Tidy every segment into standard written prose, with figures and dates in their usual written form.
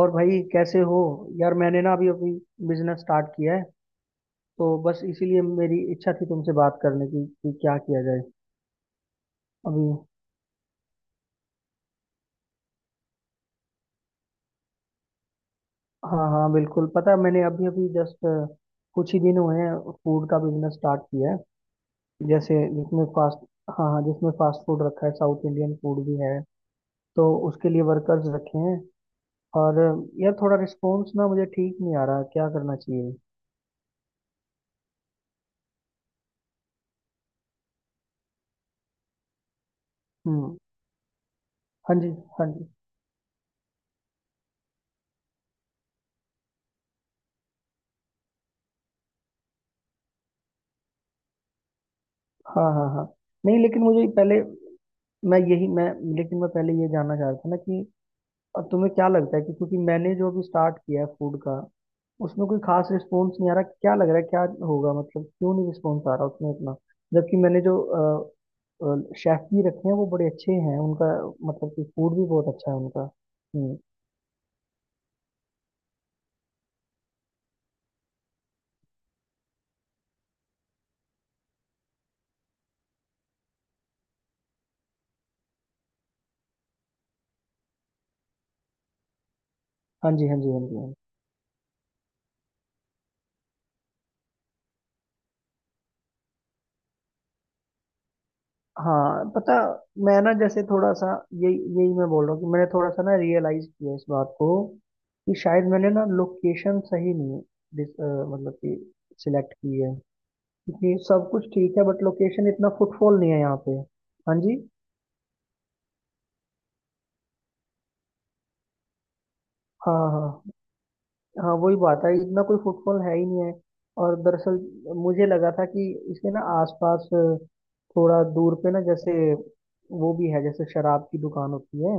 और भाई कैसे हो? यार, मैंने ना अभी अभी बिजनेस स्टार्ट किया है। तो बस इसीलिए मेरी इच्छा थी तुमसे बात करने की कि क्या किया जाए। अभी। हाँ हाँ, बिल्कुल पता है। मैंने अभी अभी जस्ट कुछ ही दिन हुए हैं। फूड का बिजनेस स्टार्ट किया है। जैसे जिसमें फास्ट हाँ हाँ, जिसमें फास्ट फूड रखा है, साउथ इंडियन फूड भी है। तो उसके लिए वर्कर्स रखे हैं। और यार, थोड़ा रिस्पॉन्स ना मुझे ठीक नहीं आ रहा। क्या करना चाहिए? हम्म। हाँ जी, हाँ जी, हाँ, हाँ, हाँ। नहीं, लेकिन मुझे पहले मैं यही मैं लेकिन मैं पहले ये जानना चाह रहा था ना, कि अब तुम्हें क्या लगता है कि क्योंकि मैंने जो अभी स्टार्ट किया है फूड का, उसमें कोई खास रिस्पॉन्स नहीं आ रहा। क्या लग रहा है, क्या होगा? मतलब क्यों नहीं रिस्पॉन्स आ रहा उसमें इतना, जबकि मैंने जो शेफ भी रखे हैं वो बड़े अच्छे हैं उनका, मतलब कि फूड भी बहुत अच्छा है उनका। हम्म। हाँ जी, हाँ जी, हाँ जी, हाँ जी। हाँ पता, मैं ना जैसे थोड़ा सा, यही यही मैं बोल रहा हूँ, कि मैंने थोड़ा सा ना रियलाइज किया इस बात को, कि शायद मैंने ना लोकेशन सही नहीं मतलब कि सिलेक्ट की है। क्योंकि सब कुछ ठीक है, बट लोकेशन इतना फुटफॉल नहीं है यहाँ पे। हाँ जी, हाँ, हाँ। हाँ वही बात है, इतना कोई फुटफॉल है ही नहीं है। और दरअसल मुझे लगा था कि इसके ना आसपास थोड़ा दूर पे ना, जैसे वो भी है, जैसे शराब की दुकान होती है,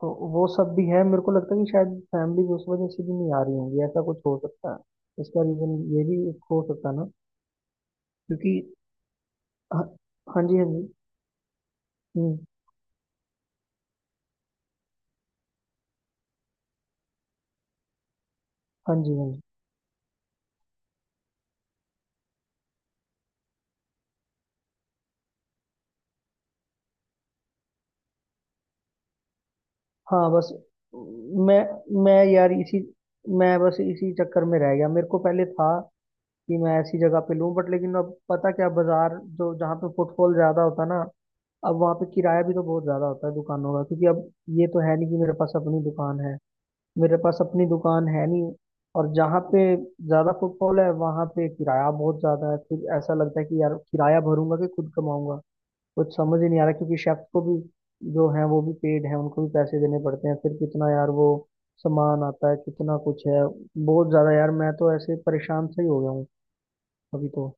तो वो सब भी है। मेरे को लगता है कि शायद फैमिली उस वजह से भी नहीं आ रही होंगी, ऐसा कुछ हो सकता है। इसका रीजन ये भी एक हो सकता है ना। क्योंकि हाँ, हाँ जी, हाँ जी। हम्म, हाँ जी, हाँ जी। हाँ बस, मैं मैं यार इसी मैं बस इसी चक्कर में रह गया। मेरे को पहले था कि मैं ऐसी जगह पे लूं, बट लेकिन अब पता क्या, बाजार जो जहाँ पे फुटफॉल ज्यादा होता है ना, अब वहाँ पे किराया भी तो बहुत ज्यादा होता है दुकानों का। क्योंकि अब ये तो है नहीं कि मेरे पास अपनी दुकान है। मेरे पास अपनी दुकान है नहीं। और जहाँ पे ज्यादा फुटफॉल है वहां पे किराया बहुत ज्यादा है। फिर ऐसा लगता है कि यार किराया भरूंगा कि खुद कमाऊंगा? कुछ समझ ही नहीं आ रहा। क्योंकि शेफ को भी, जो है वो भी पेड है, उनको भी पैसे देने पड़ते हैं। फिर कितना यार वो सामान आता है, कितना कुछ है, बहुत ज्यादा यार। मैं तो ऐसे परेशान सही हो गया हूँ अभी तो।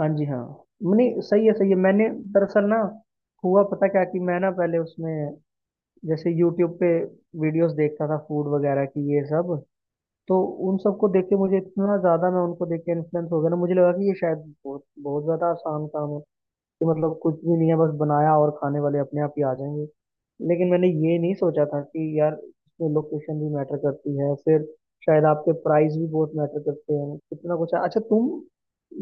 हाँ जी, हाँ। नहीं, सही है, सही है। मैंने दरअसल ना, हुआ पता क्या कि मैं ना पहले उसमें, जैसे यूट्यूब पे वीडियोस देखता था फूड वगैरह की, ये सब, तो उन सबको देख के मुझे इतना ज्यादा मैं उनको देख के इन्फ्लुएंस हो गया ना। मुझे लगा कि ये शायद बहुत बहुत ज्यादा आसान काम है, कि मतलब कुछ भी नहीं है, बस बनाया और खाने वाले अपने आप ही आ जाएंगे। लेकिन मैंने ये नहीं सोचा था कि यार इसमें लोकेशन भी मैटर करती है, फिर शायद आपके प्राइस भी बहुत मैटर करते हैं, कितना कुछ है। अच्छा तुम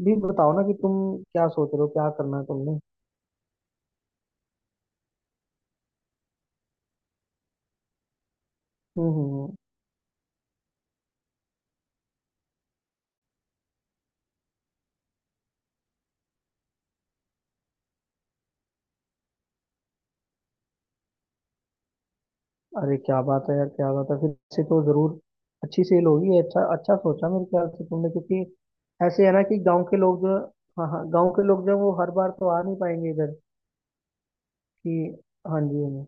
भी बताओ ना, कि तुम क्या सोच रहे हो, क्या करना है तुमने? हम्म, हम्म, अरे क्या बात है यार, क्या बात है! फिर से तो जरूर अच्छी सेल होगी। अच्छा अच्छा सोचा मेरे ख्याल से तुमने, क्योंकि ऐसे है ना कि गांव के लोग जो हाँ हाँ, गांव के लोग जो हैं, वो हर बार तो आ नहीं पाएंगे इधर। कि हाँ जी, हाँ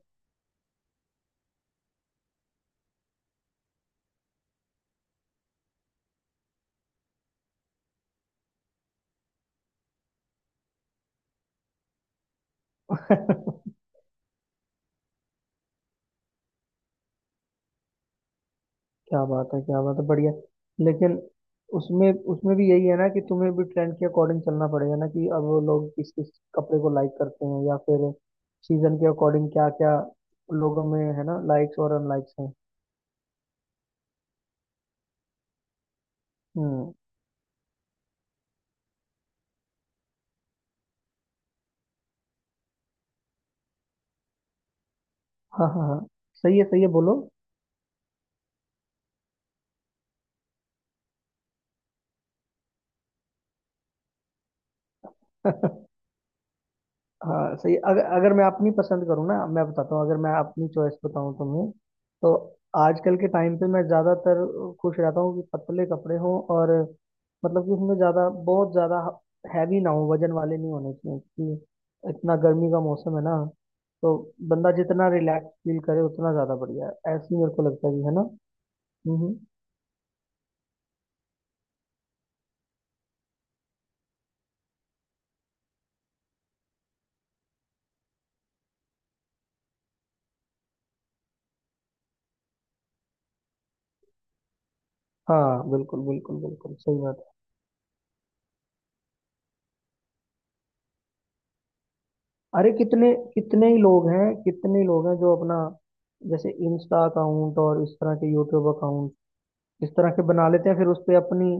जी। क्या बात है, क्या बात है, बढ़िया। लेकिन उसमें उसमें भी यही है ना, कि तुम्हें भी ट्रेंड के अकॉर्डिंग चलना पड़ेगा ना, कि अब वो लोग किस किस कपड़े को लाइक करते हैं, या फिर सीजन के अकॉर्डिंग क्या क्या लोगों में है ना, लाइक्स और अनलाइक्स हैं। हम्म, हाँ, हाँ, हाँ, सही है, सही है, बोलो। हाँ सही, अगर अगर मैं अपनी पसंद करूँ ना, मैं बताता हूँ, अगर मैं अपनी चॉइस बताऊँ तुम्हें, तो आजकल के टाइम पे मैं ज़्यादातर खुश रहता हूँ कि पतले कपड़े हों, और मतलब कि उसमें ज़्यादा बहुत ज़्यादा हैवी ना हो, वजन वाले नहीं होने चाहिए, क्योंकि इतना गर्मी का मौसम है ना। तो बंदा जितना रिलैक्स फील करे उतना ज़्यादा बढ़िया है, ऐसे ही मेरे को लगता है, कि है ना? हम्म, हाँ बिल्कुल, बिल्कुल, बिल्कुल सही बात है। अरे कितने कितने ही लोग हैं, कितने ही लोग हैं जो अपना, जैसे इंस्टा अकाउंट और इस तरह के यूट्यूब अकाउंट इस तरह के बना लेते हैं, फिर उस पे अपनी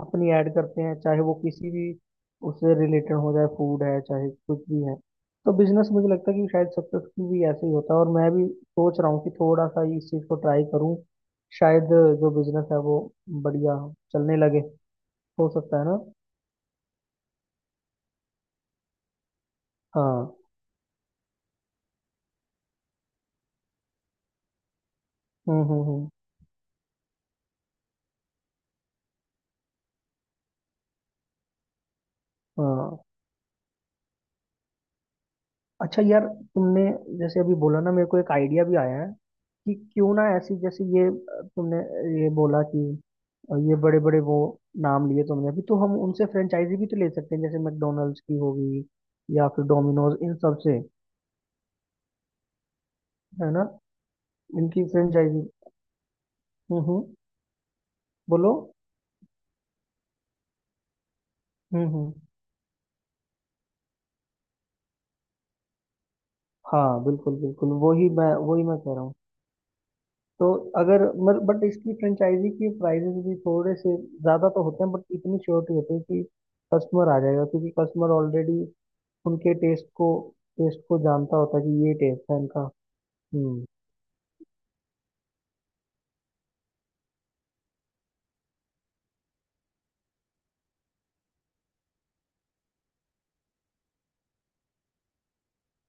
अपनी ऐड करते हैं, चाहे वो किसी भी उससे रिलेटेड हो जाए, फूड है चाहे कुछ भी है। तो बिजनेस मुझे लगता है कि शायद सक्सेसफुल भी ऐसे ही होता है, और मैं भी सोच रहा हूँ कि थोड़ा सा इस चीज़ को ट्राई करूँ, शायद जो बिजनेस है वो बढ़िया चलने लगे, हो सकता है ना। हाँ, हम्म, हम्म, हम्म। हाँ अच्छा यार, तुमने जैसे अभी बोला ना, मेरे को एक आइडिया भी आया है, कि क्यों ना ऐसी जैसे ये अ, तुमने ये बोला कि ये बड़े बड़े वो नाम लिए तुमने अभी, तो हम उनसे फ्रेंचाइजी भी तो ले सकते हैं, जैसे मैकडोनल्ड्स की होगी, या फिर डोमिनोज, इन सब से, है ना, इनकी फ्रेंचाइजी। हम्म, हम्म, बोलो। हम्म, हम्म। हाँ बिल्कुल, बिल्कुल, वही मैं कह रहा हूँ। तो अगर मत बट इसकी फ्रेंचाइजी के प्राइजेस भी थोड़े से ज़्यादा तो होते हैं, बट इतनी श्योरिटी होती है कि कस्टमर आ जाएगा, क्योंकि कस्टमर ऑलरेडी उनके टेस्ट को जानता होता है, कि ये टेस्ट है इनका। हम्म।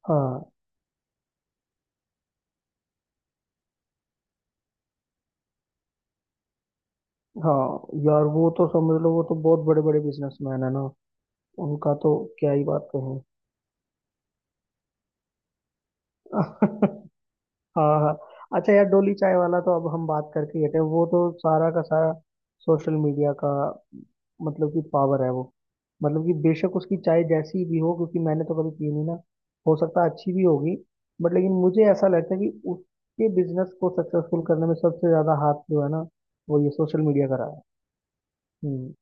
हाँ, हाँ यार, वो तो समझ लो वो तो बहुत बड़े बड़े बिजनेसमैन है ना, उनका तो क्या ही बात कहें। हाँ, हाँ। अच्छा यार, डोली चाय वाला तो अब हम बात करके ही हटे, वो तो सारा का सारा सोशल मीडिया का, मतलब कि पावर है वो। मतलब कि बेशक उसकी चाय जैसी भी हो, क्योंकि मैंने तो कभी पी नहीं ना, हो सकता है अच्छी भी होगी, बट लेकिन मुझे ऐसा लगता है कि उसके बिजनेस को सक्सेसफुल करने में सबसे ज्यादा हाथ जो है ना, वो ये सोशल मीडिया का रहा है। हम्म।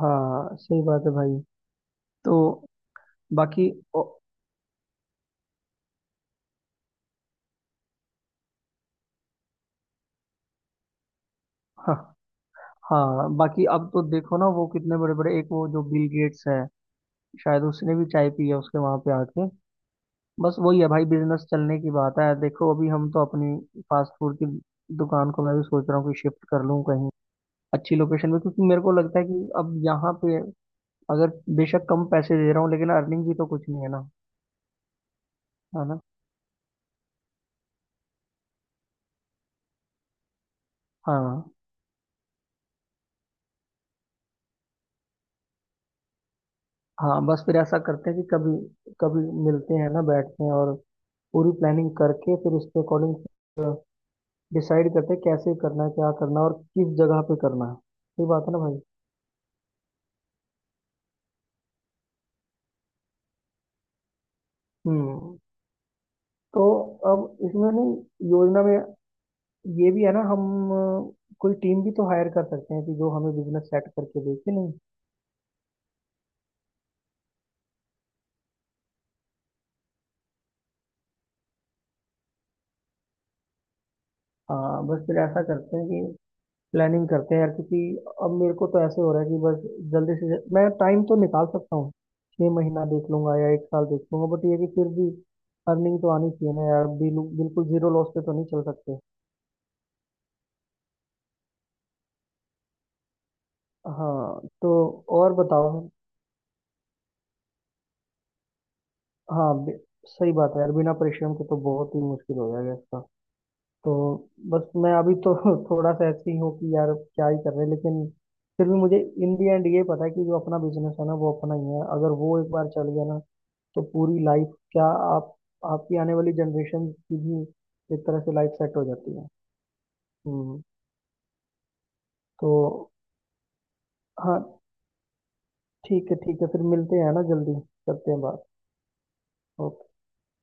हाँ सही बात है भाई। तो बाकी ओ, हाँ, हाँ, बाकी अब तो देखो ना, वो कितने बड़े बड़े, एक वो जो बिल गेट्स है, शायद उसने भी चाय पी है उसके वहां पे आके। बस वही है भाई, बिजनेस चलने की बात है। देखो अभी हम तो अपनी फास्ट फूड की दुकान को, मैं भी सोच रहा हूँ कि शिफ्ट कर लूँ कहीं अच्छी लोकेशन में, क्योंकि मेरे को लगता है कि अब यहाँ पे अगर बेशक कम पैसे दे रहा हूँ, लेकिन अर्निंग भी तो कुछ नहीं है ना, है ना? हाँ, हाँ। बस फिर ऐसा करते हैं कि कभी कभी मिलते हैं ना, बैठते हैं, और पूरी प्लानिंग करके फिर उसके अकॉर्डिंग डिसाइड करते हैं कैसे करना है, क्या करना है, और किस जगह पे करना है। सही बात है ना भाई? हम्म। तो अब इसमें नहीं, योजना में, ये भी है ना, हम कोई टीम भी तो हायर कर सकते हैं कि जो हमें बिजनेस सेट करके दे, कि नहीं? हाँ बस फिर ऐसा करते हैं कि प्लानिंग करते हैं यार, क्योंकि अब मेरे को तो ऐसे हो रहा है कि बस जल्दी से जल्दी मैं टाइम तो निकाल सकता हूँ, 6 महीना देख लूंगा या एक साल देख लूंगा, बट ये कि फिर भी अर्निंग तो आनी चाहिए ना यार, बिल्कुल जीरो लॉस पे तो नहीं चल सकते। हाँ तो, और बताओ। हाँ, सही बात है यार, बिना परिश्रम के तो बहुत ही मुश्किल हो जाएगा इसका। तो बस मैं अभी तो थोड़ा सा ऐसे ही हूँ कि यार क्या ही कर रहे हैं, लेकिन फिर भी मुझे इन दी एंड ये पता है कि जो अपना बिजनेस है ना वो अपना ही है। अगर वो एक बार चल गया ना, तो पूरी लाइफ क्या, आप आपकी आने वाली जनरेशन की भी एक तरह से लाइफ सेट हो जाती है। हम्म। तो हाँ, ठीक है, ठीक है। फिर मिलते हैं ना जल्दी, करते हैं बात। ओके।